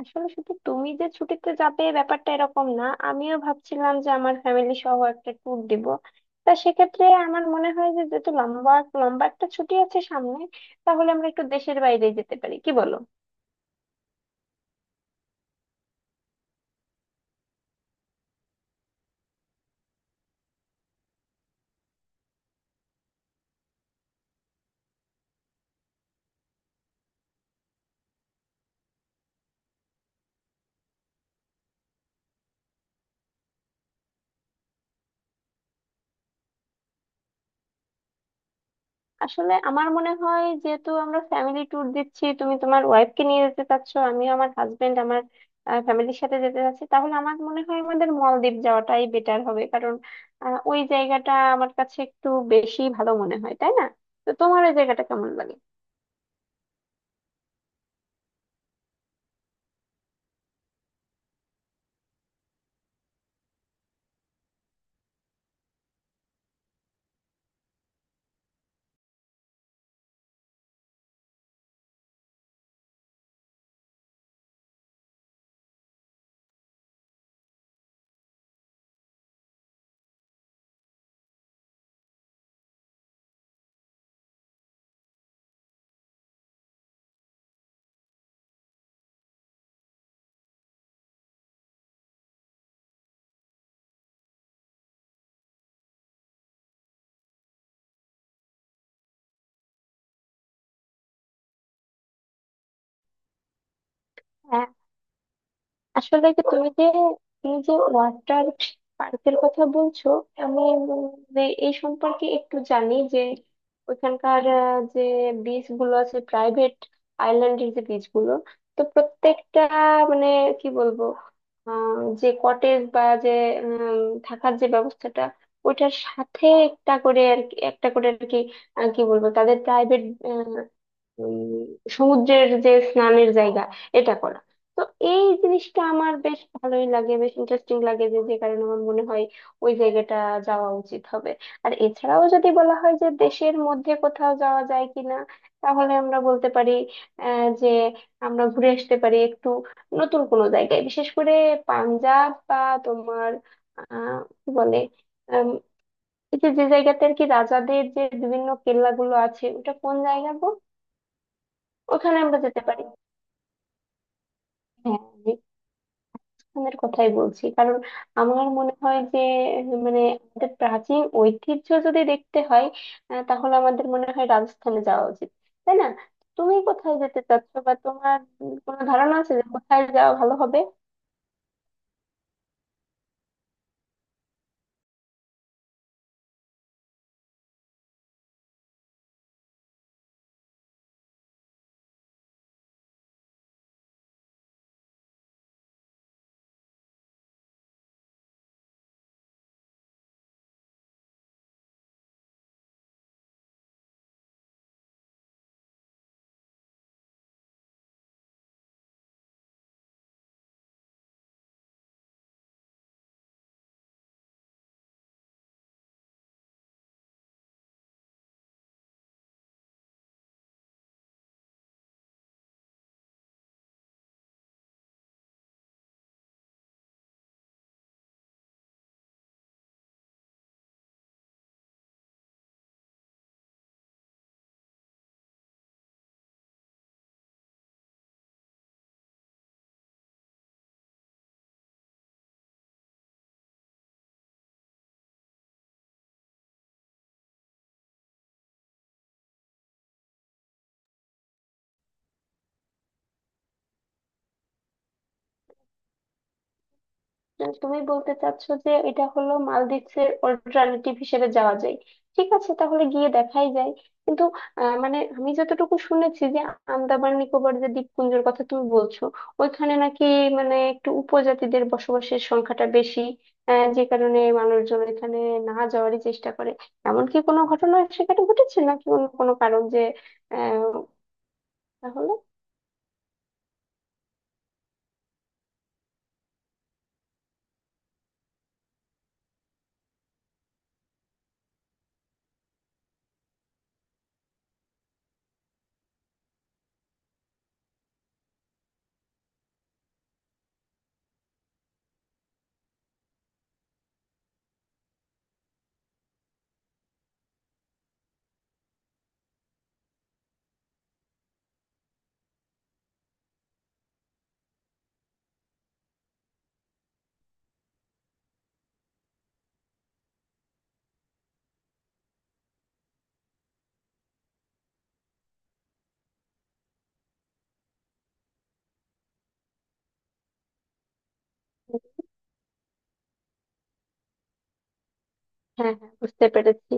আসলে শুধু তুমি যে ছুটিতে যাবে ব্যাপারটা এরকম না, আমিও ভাবছিলাম যে আমার ফ্যামিলি সহ একটা ট্যুর দিব। তা সেক্ষেত্রে আমার মনে হয় যে, যেহেতু লম্বা লম্বা একটা ছুটি আছে সামনে, তাহলে আমরা একটু দেশের বাইরে যেতে পারি, কি বলো? আসলে আমার মনে হয়, যেহেতু আমরা ফ্যামিলি ট্যুর দিচ্ছি, তুমি তোমার ওয়াইফকে নিয়ে যেতে চাচ্ছ, আমিও আমার হাজবেন্ড, আমার ফ্যামিলির সাথে যেতে চাচ্ছি, তাহলে আমার মনে হয় আমাদের মলদ্বীপ যাওয়াটাই বেটার হবে। কারণ ওই জায়গাটা আমার কাছে একটু বেশি ভালো মনে হয়, তাই না? তো তোমার ওই জায়গাটা কেমন লাগে? হ্যাঁ। আসলে যে তুমি যে তুমি যে ওয়াটার পার্কের কথা বলছো, আমি উম যে এই সম্পর্কে একটু জানি যে ওইখানকার যে বিচ গুলো আছে প্রাইভেট আইল্যান্ডের যে বিচ গুলো, তো প্রত্যেকটা, মানে কি বলবো, আহ যে কটেজ বা যে উম, থাকার যে ব্যবস্থাটা, ওইটার সাথে একটা করে আর কি, একটা করে আর কি কি বলবো, তাদের প্রাইভেট ওই সমুদ্রের যে স্নানের জায়গা, এটা করা। তো এই জিনিসটা আমার বেশ ভালোই লাগে, বেশ ইন্টারেস্টিং লাগে, যে যে কারণে আমার মনে হয় ওই জায়গাটা যাওয়া উচিত হবে। আর এছাড়াও যদি বলা হয় যে দেশের মধ্যে কোথাও যাওয়া যায় কিনা, তাহলে আমরা বলতে পারি যে আমরা ঘুরে আসতে পারি একটু নতুন কোনো জায়গায়, বিশেষ করে পাঞ্জাব বা তোমার আহ কি বলে, আম, এই যে, যে জায়গাতে আর কি রাজাদের যে বিভিন্ন কেল্লাগুলো আছে, ওটা কোন জায়গা গো? ওখানে আমরা যেতে পারি। হ্যাঁ, রিক্সানের কথাই বলছি। কারণ আমার মনে হয় যে, মানে আমাদের প্রাচীন ঐতিহ্য যদি দেখতে হয়, তাহলে আমাদের মনে হয় রাজস্থানে যাওয়া উচিত, তাই না? তুমি কোথায় যেতে চাচ্ছো, বা তোমার কোনো ধারণা আছে যে কোথায় যাওয়া ভালো হবে? তুমি বলতে চাচ্ছো যে এটা হলো মালদ্বীপের অল্টারনেটিভ হিসেবে যাওয়া যায়। ঠিক আছে, তাহলে গিয়ে দেখাই যায়। কিন্তু মানে আমি যতটুকু শুনেছি যে আন্দামান নিকোবর যে দ্বীপপুঞ্জের কথা তুমি বলছো, ওইখানে নাকি মানে একটু উপজাতিদের বসবাসের সংখ্যাটা বেশি, যে কারণে মানুষজন এখানে না যাওয়ারই চেষ্টা করে। এমন কি কোনো ঘটনা সেখানে ঘটেছে নাকি অন্য কোনো কারণ যে আহ তাহলে? হ্যাঁ, হ্যাঁ, বুঝতে পেরেছি।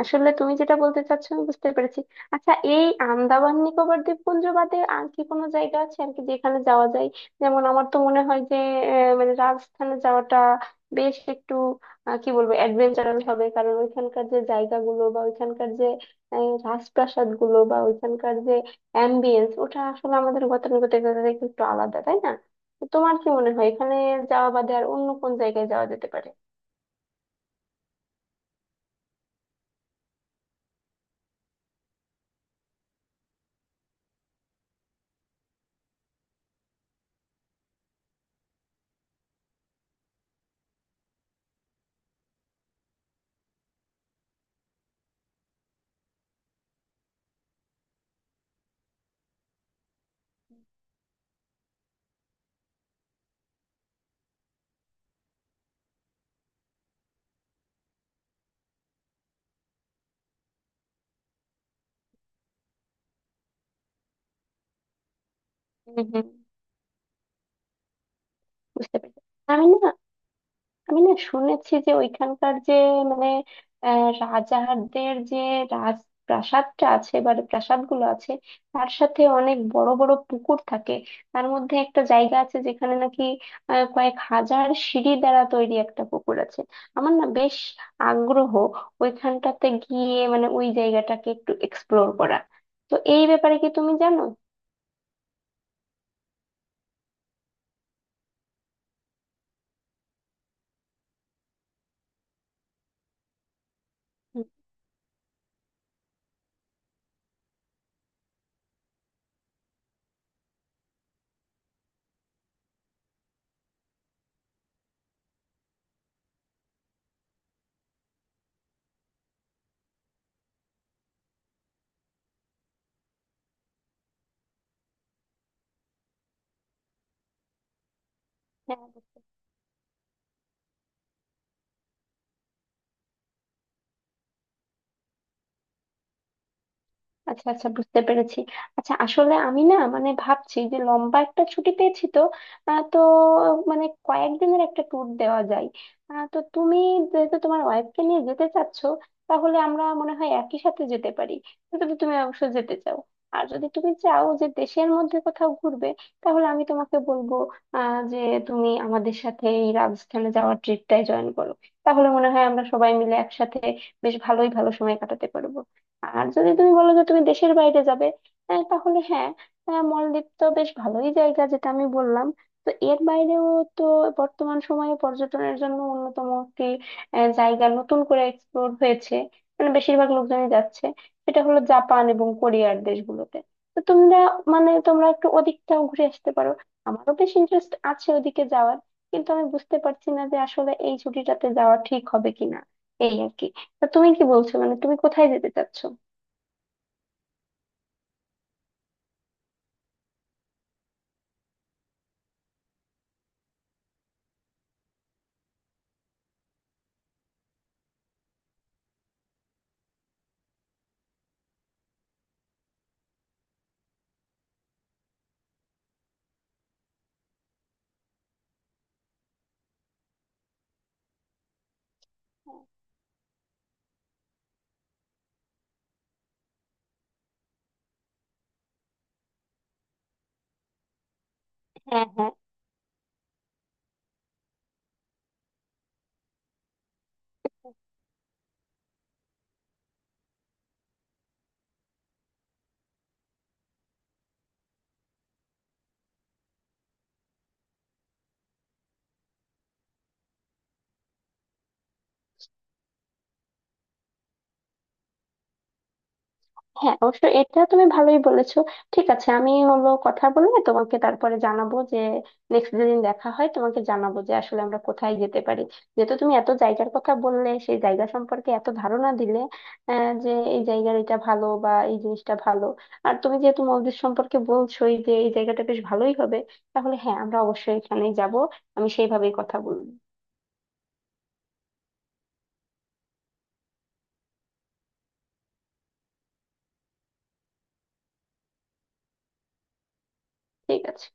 আসলে তুমি যেটা বলতে চাচ্ছ আমি বুঝতে পেরেছি। আচ্ছা, এই আন্দামান নিকোবর দ্বীপপুঞ্জ বাদে আর কি কোনো জায়গা আছে আর কি, যেখানে যাওয়া যায়? যেমন আমার তো মনে হয় যে মানে রাজস্থানে যাওয়াটা বেশ একটু কি বলবো, অ্যাডভেঞ্চারাল হবে। কারণ ওইখানকার যে জায়গাগুলো বা ওইখানকার যে রাজপ্রাসাদ গুলো বা ওইখানকার যে অ্যাম্বিয়েন্স, ওটা আসলে আমাদের গতানুগতিকতা থেকে একটু আলাদা, তাই না? তো তোমার কি মনে হয় এখানে যাওয়া বাদে আর অন্য কোন জায়গায় যাওয়া যেতে পারে? বুঝতে পেরেছি। আমি না, আমি না শুনেছি যে ওইখানকার যে মানে রাজাদের যে রাজ প্রাসাদটা আছে বা প্রাসাদগুলো আছে, তার সাথে অনেক বড় বড় পুকুর থাকে। তার মধ্যে একটা জায়গা আছে যেখানে নাকি কয়েক হাজার সিঁড়ি দ্বারা তৈরি একটা পুকুর আছে। আমার না বেশ আগ্রহ ওইখানটাতে গিয়ে, মানে ওই জায়গাটাকে একটু এক্সপ্লোর করা। তো এই ব্যাপারে কি তুমি জানো? হুম। হ্যাঁ। আচ্ছা, আচ্ছা, বুঝতে পেরেছি। আচ্ছা আসলে আমি না মানে ভাবছি যে লম্বা একটা ছুটি পেয়েছি, তো আহ, তো মানে কয়েকদিনের একটা ট্যুর দেওয়া যায়। তো তুমি, যেহেতু তোমার ওয়াইফকে নিয়ে যেতে চাচ্ছ, তাহলে আমরা মনে হয় একই সাথে যেতে পারি, যদি তুমি অবশ্য যেতে চাও। আর যদি তুমি চাও যে দেশের মধ্যে কোথাও ঘুরবে, তাহলে আমি তোমাকে বলবো যে তুমি আমাদের সাথে এই রাজস্থানে যাওয়ার ট্রিপটায় জয়েন করো। তাহলে মনে হয় আমরা সবাই মিলে একসাথে বেশ ভালোই ভালো সময় কাটাতে পারবো। আর যদি তুমি বলো যে তুমি দেশের বাইরে যাবে, তাহলে হ্যাঁ, মলদ্বীপ তো বেশ ভালোই জায়গা, যেটা আমি বললাম। তো এর বাইরেও, তো বর্তমান সময়ে পর্যটনের জন্য অন্যতম একটি জায়গা নতুন করে এক্সপ্লোর হয়েছে, মানে বেশিরভাগ লোকজনই যাচ্ছে, সেটা হলো জাপান এবং কোরিয়ার দেশগুলোতে। তো তোমরা, মানে তোমরা একটু ওদিকটাও ঘুরে আসতে পারো। আমারও বেশ ইন্টারেস্ট আছে ওদিকে যাওয়ার, কিন্তু আমি বুঝতে পারছি না যে আসলে এই ছুটিটাতে যাওয়া ঠিক হবে কিনা, এই আর কি। তা তুমি কি বলছো, মানে তুমি কোথায় যেতে চাচ্ছ? হ্যাঁ, হ্যাঁ। হ্যাঁ, অবশ্য এটা তুমি ভালোই বলেছো। ঠিক আছে, আমি হলো কথা বলে তোমাকে তারপরে জানাবো যে নেক্সট যেদিন দেখা হয়, তোমাকে জানাবো যে আসলে আমরা কোথায় যেতে পারি। যেহেতু তুমি এত জায়গার কথা বললে, সেই জায়গা সম্পর্কে এত ধারণা দিলে, যে এই জায়গার এটা ভালো বা এই জিনিসটা ভালো, আর তুমি যেহেতু মলদ্বীপ সম্পর্কে বলছোই যে এই জায়গাটা বেশ ভালোই হবে, তাহলে হ্যাঁ, আমরা অবশ্যই এখানেই যাব। আমি সেইভাবেই কথা বলবো। ঠিক আছে।